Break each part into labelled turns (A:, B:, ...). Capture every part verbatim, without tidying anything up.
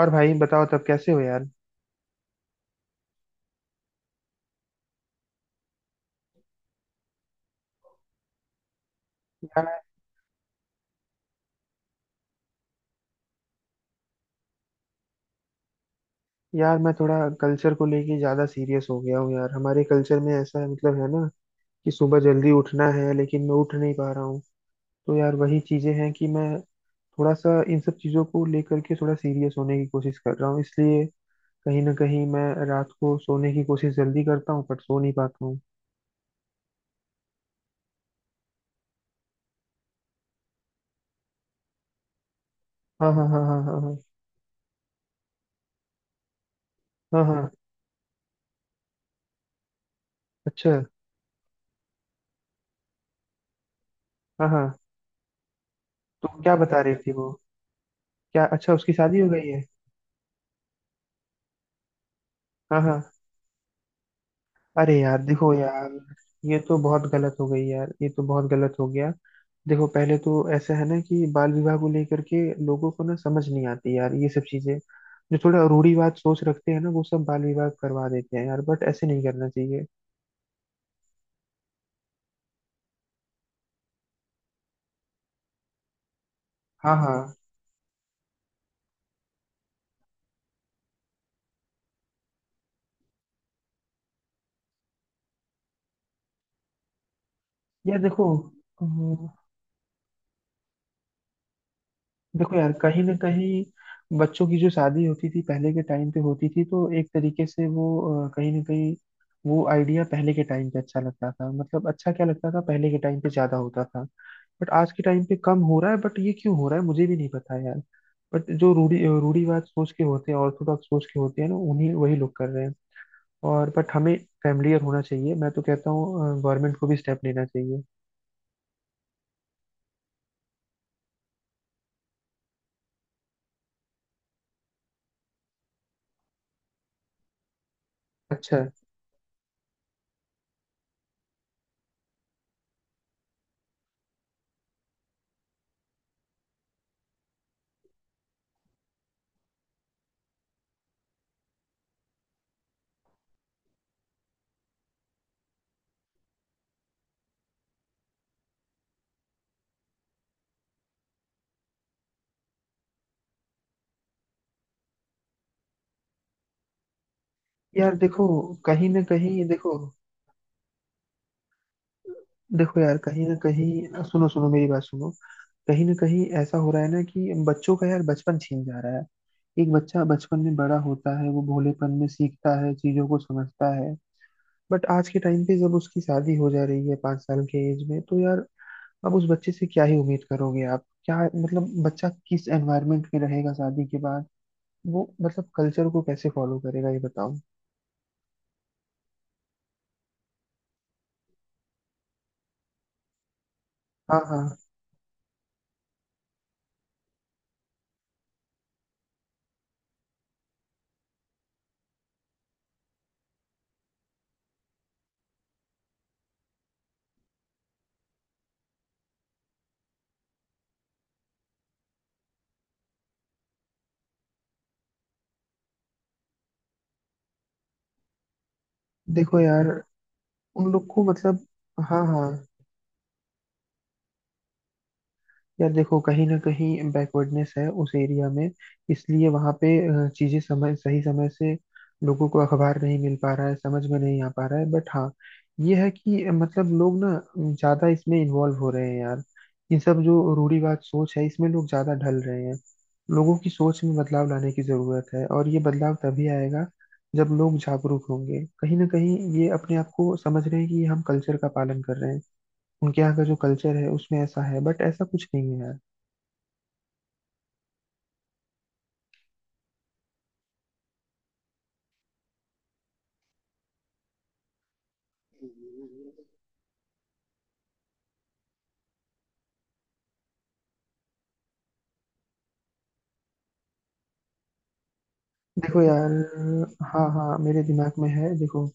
A: और भाई बताओ, तब कैसे हो यार। यार यार मैं थोड़ा कल्चर को लेके ज्यादा सीरियस हो गया हूँ यार। हमारे कल्चर में ऐसा है, मतलब है ना, कि सुबह जल्दी उठना है लेकिन मैं उठ नहीं पा रहा हूँ। तो यार वही चीजें हैं कि मैं थोड़ा सा इन सब चीजों को लेकर के थोड़ा सीरियस होने की कोशिश कर रहा हूँ, इसलिए कहीं ना कहीं मैं रात को सोने की कोशिश जल्दी करता हूँ पर सो नहीं पाता हूँ। हाँ हाँ हाँ हाँ हाँ हाँ हाँ हाँ। अच्छा। हाँ हाँ। तो क्या बता रही थी वो? क्या, अच्छा, उसकी शादी हो गई है? हाँ हाँ। अरे यार, देखो यार, ये तो बहुत गलत हो गई यार, ये तो बहुत गलत हो गया। देखो, पहले तो ऐसा है ना कि बाल विवाह को लेकर के लोगों को ना समझ नहीं आती यार, ये सब चीजें। जो थोड़ा रूढ़िवाद सोच रखते हैं ना, वो सब बाल विवाह करवा देते हैं यार, बट ऐसे नहीं करना चाहिए। हाँ हाँ। यार देखो। अम, देखो यार, कहीं ना कहीं बच्चों की जो शादी होती थी, पहले के टाइम पे होती थी, तो एक तरीके से वो, अ, कहीं ना कहीं, वो आइडिया पहले के टाइम पे अच्छा लगता था। मतलब अच्छा क्या लगता था, पहले के टाइम पे ज्यादा होता था बट आज के टाइम पे कम हो रहा है। बट ये क्यों हो रहा है, मुझे भी नहीं पता यार। बट जो रूढ़ी रूढ़ीवाद सोच के होते हैं, ऑर्थोडॉक्स सोच के होते हैं ना, उन्हीं, वही लोग कर रहे हैं। और बट हमें फैमिलियर होना चाहिए। मैं तो कहता हूँ गवर्नमेंट को भी स्टेप लेना चाहिए। अच्छा। यार देखो, कहीं ना कहीं देखो। देखो यार, कहीं ना कहीं, सुनो सुनो मेरी बात सुनो। कहीं ना कहीं ऐसा हो रहा है ना कि बच्चों का यार बचपन छीन जा रहा है। एक बच्चा बचपन में बड़ा होता है, वो भोलेपन में सीखता है, चीजों को समझता है। बट आज के टाइम पे जब उसकी शादी हो जा रही है पांच साल के एज में, तो यार अब उस बच्चे से क्या ही उम्मीद करोगे आप? क्या मतलब, बच्चा किस एनवायरनमेंट में रहेगा शादी के बाद? वो मतलब कल्चर को कैसे फॉलो करेगा, ये बताओ। हाँ हाँ। देखो यार, उन लोग को मतलब। हाँ हाँ। यार देखो, कहीं ना कहीं बैकवर्डनेस है उस एरिया में, इसलिए वहाँ पे अ, चीजें समय, सही समय से लोगों को अखबार नहीं मिल पा रहा है, समझ में नहीं आ पा रहा है। बट हाँ, ये है कि अ, मतलब लोग ना ज्यादा इसमें इन्वॉल्व हो रहे हैं यार। ये सब जो रूढ़िवाद सोच है, इसमें लोग ज्यादा ढल रहे हैं। लोगों की सोच में बदलाव लाने की जरूरत है, और ये बदलाव तभी आएगा जब लोग जागरूक होंगे। कहीं ना कहीं ये अपने आप को समझ रहे हैं कि हम कल्चर का पालन कर रहे हैं। उनके यहाँ का जो कल्चर है उसमें ऐसा है, बट ऐसा कुछ नहीं है यार। देखो यार। हाँ हाँ, मेरे दिमाग में है, देखो।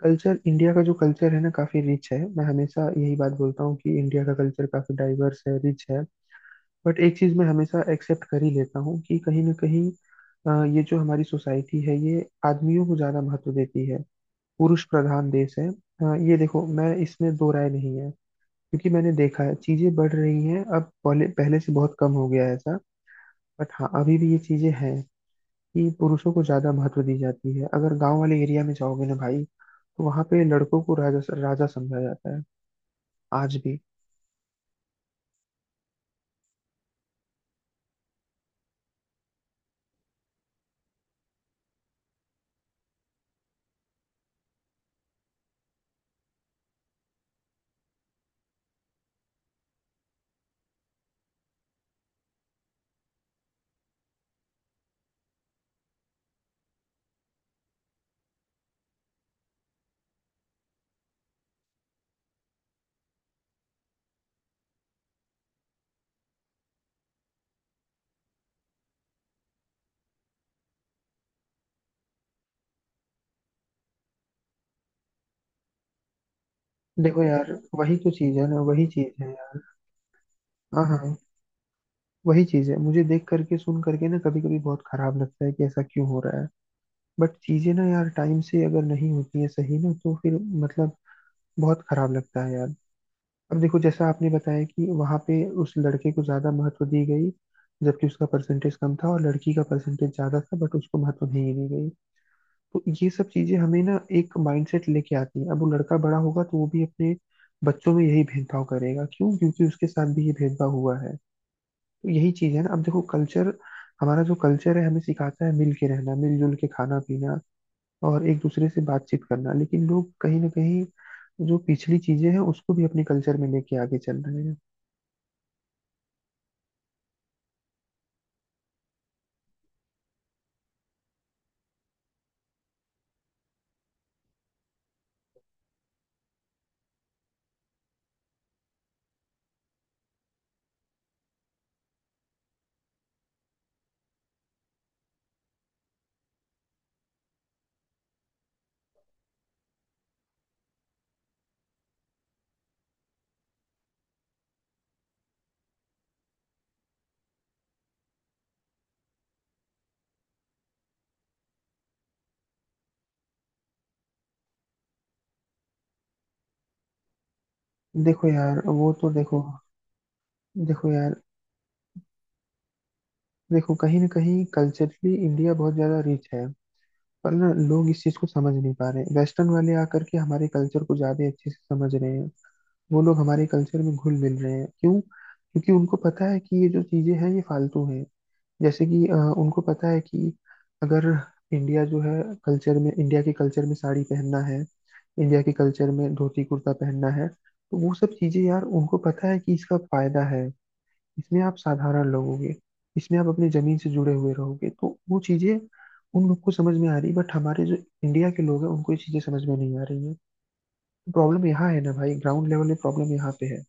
A: कल्चर, इंडिया का जो कल्चर है ना, काफी रिच है। मैं हमेशा यही बात बोलता हूँ कि इंडिया का कल्चर काफी डाइवर्स है, रिच है। बट एक चीज मैं हमेशा एक्सेप्ट कर ही लेता हूँ कि कहीं ना कहीं अ, ये जो हमारी सोसाइटी है, ये आदमियों को ज्यादा महत्व देती है। पुरुष प्रधान देश है, अ, ये देखो, मैं इसमें दो राय नहीं है। क्योंकि मैंने देखा है चीजें बढ़ रही हैं, अब पहले पहले से बहुत कम हो गया है ऐसा। बट हाँ, अभी भी ये चीजें हैं कि पुरुषों को ज्यादा महत्व दी जाती है। अगर गांव वाले एरिया में जाओगे ना भाई, तो वहां पे लड़कों को राजा राजा समझा जाता है, आज भी। देखो यार, वही तो चीज है ना, वही चीज है यार। हाँ हाँ। वही चीज है। मुझे देख करके सुन करके ना कभी कभी बहुत खराब लगता है कि ऐसा क्यों हो रहा है। बट चीजें ना यार टाइम से अगर नहीं होती है सही ना, तो फिर, मतलब, बहुत खराब लगता है यार। अब देखो, जैसा आपने बताया कि वहां पे उस लड़के को ज्यादा महत्व दी गई, जबकि उसका परसेंटेज कम था और लड़की का परसेंटेज ज्यादा था, बट उसको महत्व नहीं दी गई। तो ये सब चीजें हमें ना एक माइंडसेट लेके आती है। अब वो लड़का बड़ा होगा तो वो भी अपने बच्चों में यही भेदभाव करेगा। क्यों? क्योंकि उसके साथ भी ये भेदभाव हुआ है। तो यही चीज है ना। अब देखो, कल्चर, हमारा जो कल्चर है, हमें सिखाता है मिल के रहना, मिलजुल के खाना पीना, और एक दूसरे से बातचीत करना। लेकिन लोग कहीं ना कहीं जो पिछली चीजें हैं उसको भी अपने कल्चर में लेके आगे चल रहे हैं। देखो यार, वो तो देखो। देखो यार, देखो, कहीं ना कहीं कल्चरली इंडिया बहुत ज्यादा रिच है। पर ना लोग इस चीज को समझ नहीं पा रहे। वेस्टर्न वाले आकर के हमारे कल्चर को ज्यादा अच्छे से समझ रहे हैं। वो लोग हमारे कल्चर में घुल मिल रहे हैं। क्यों? क्योंकि उनको पता है कि ये जो चीजें हैं ये फालतू हैं। जैसे कि अ, उनको पता है कि अगर इंडिया जो है, कल्चर में, इंडिया के कल्चर में साड़ी पहनना है, इंडिया के कल्चर में धोती कुर्ता पहनना है, तो वो सब चीजें, यार उनको पता है कि इसका फायदा है। इसमें आप साधारण लोगोगे, इसमें आप अपनी जमीन से जुड़े हुए रहोगे, तो वो चीजें उन लोग को समझ में आ रही। बट हमारे जो इंडिया के लोग हैं उनको ये चीजें समझ में नहीं आ रही है। प्रॉब्लम यहाँ है ना भाई, ग्राउंड लेवल में प्रॉब्लम यहाँ पे है।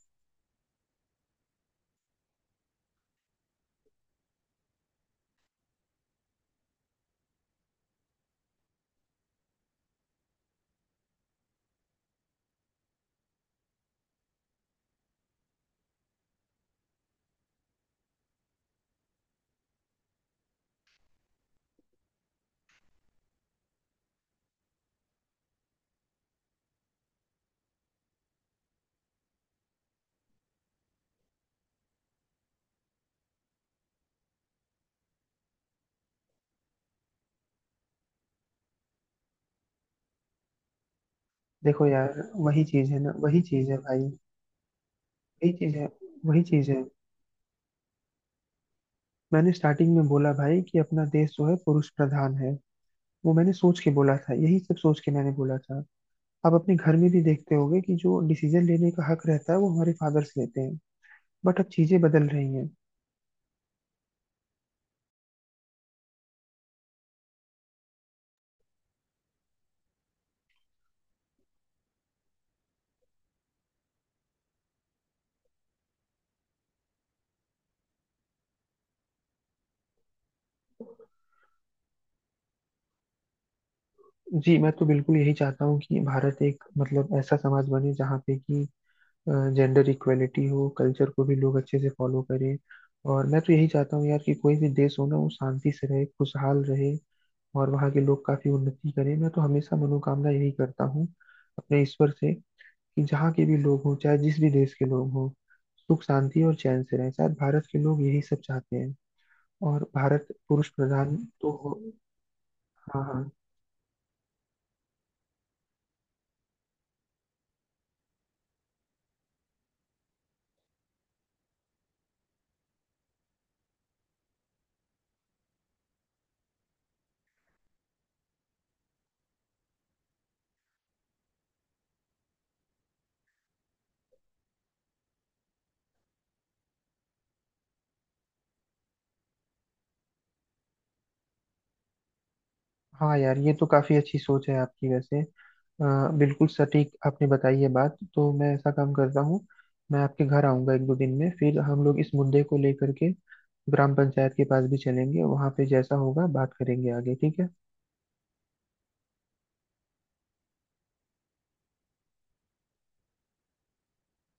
A: देखो यार, वही चीज है ना, वही चीज है भाई। वही चीज है। वही चीज है। मैंने स्टार्टिंग में बोला भाई कि अपना देश जो है पुरुष प्रधान है। वो मैंने सोच के बोला था, यही सब सोच के मैंने बोला था। आप अपने घर में भी देखते होगे कि जो डिसीजन लेने का हक रहता है वो हमारे फादर्स लेते हैं। बट अब चीजें बदल रही हैं। जी, मैं तो बिल्कुल यही चाहता हूँ कि भारत एक, मतलब, ऐसा समाज बने जहाँ पे कि जेंडर इक्वेलिटी हो, कल्चर को भी लोग अच्छे से फॉलो करें। और मैं तो यही चाहता हूँ यार कि कोई भी देश हो ना, वो शांति से रहे, खुशहाल रहे, और वहाँ के लोग काफी उन्नति करें। मैं तो हमेशा मनोकामना यही करता हूँ अपने ईश्वर से कि जहाँ के भी लोग हों, चाहे जिस भी देश के लोग हों, सुख शांति और चैन से रहें। शायद भारत के लोग यही सब चाहते हैं। और भारत पुरुष प्रधान तो हो। हाँ हाँ। हाँ यार, ये तो काफी अच्छी सोच है आपकी, वैसे। अ, बिल्कुल सटीक आपने बताई है बात। तो मैं ऐसा काम करता हूँ, मैं आपके घर आऊंगा एक दो दिन में, फिर हम लोग इस मुद्दे को लेकर के ग्राम पंचायत के पास भी चलेंगे, वहां पे जैसा होगा बात करेंगे आगे, ठीक है?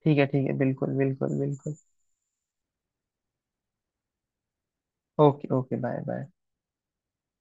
A: ठीक है, ठीक है। बिल्कुल बिल्कुल बिल्कुल। Okay okay. Bye bye.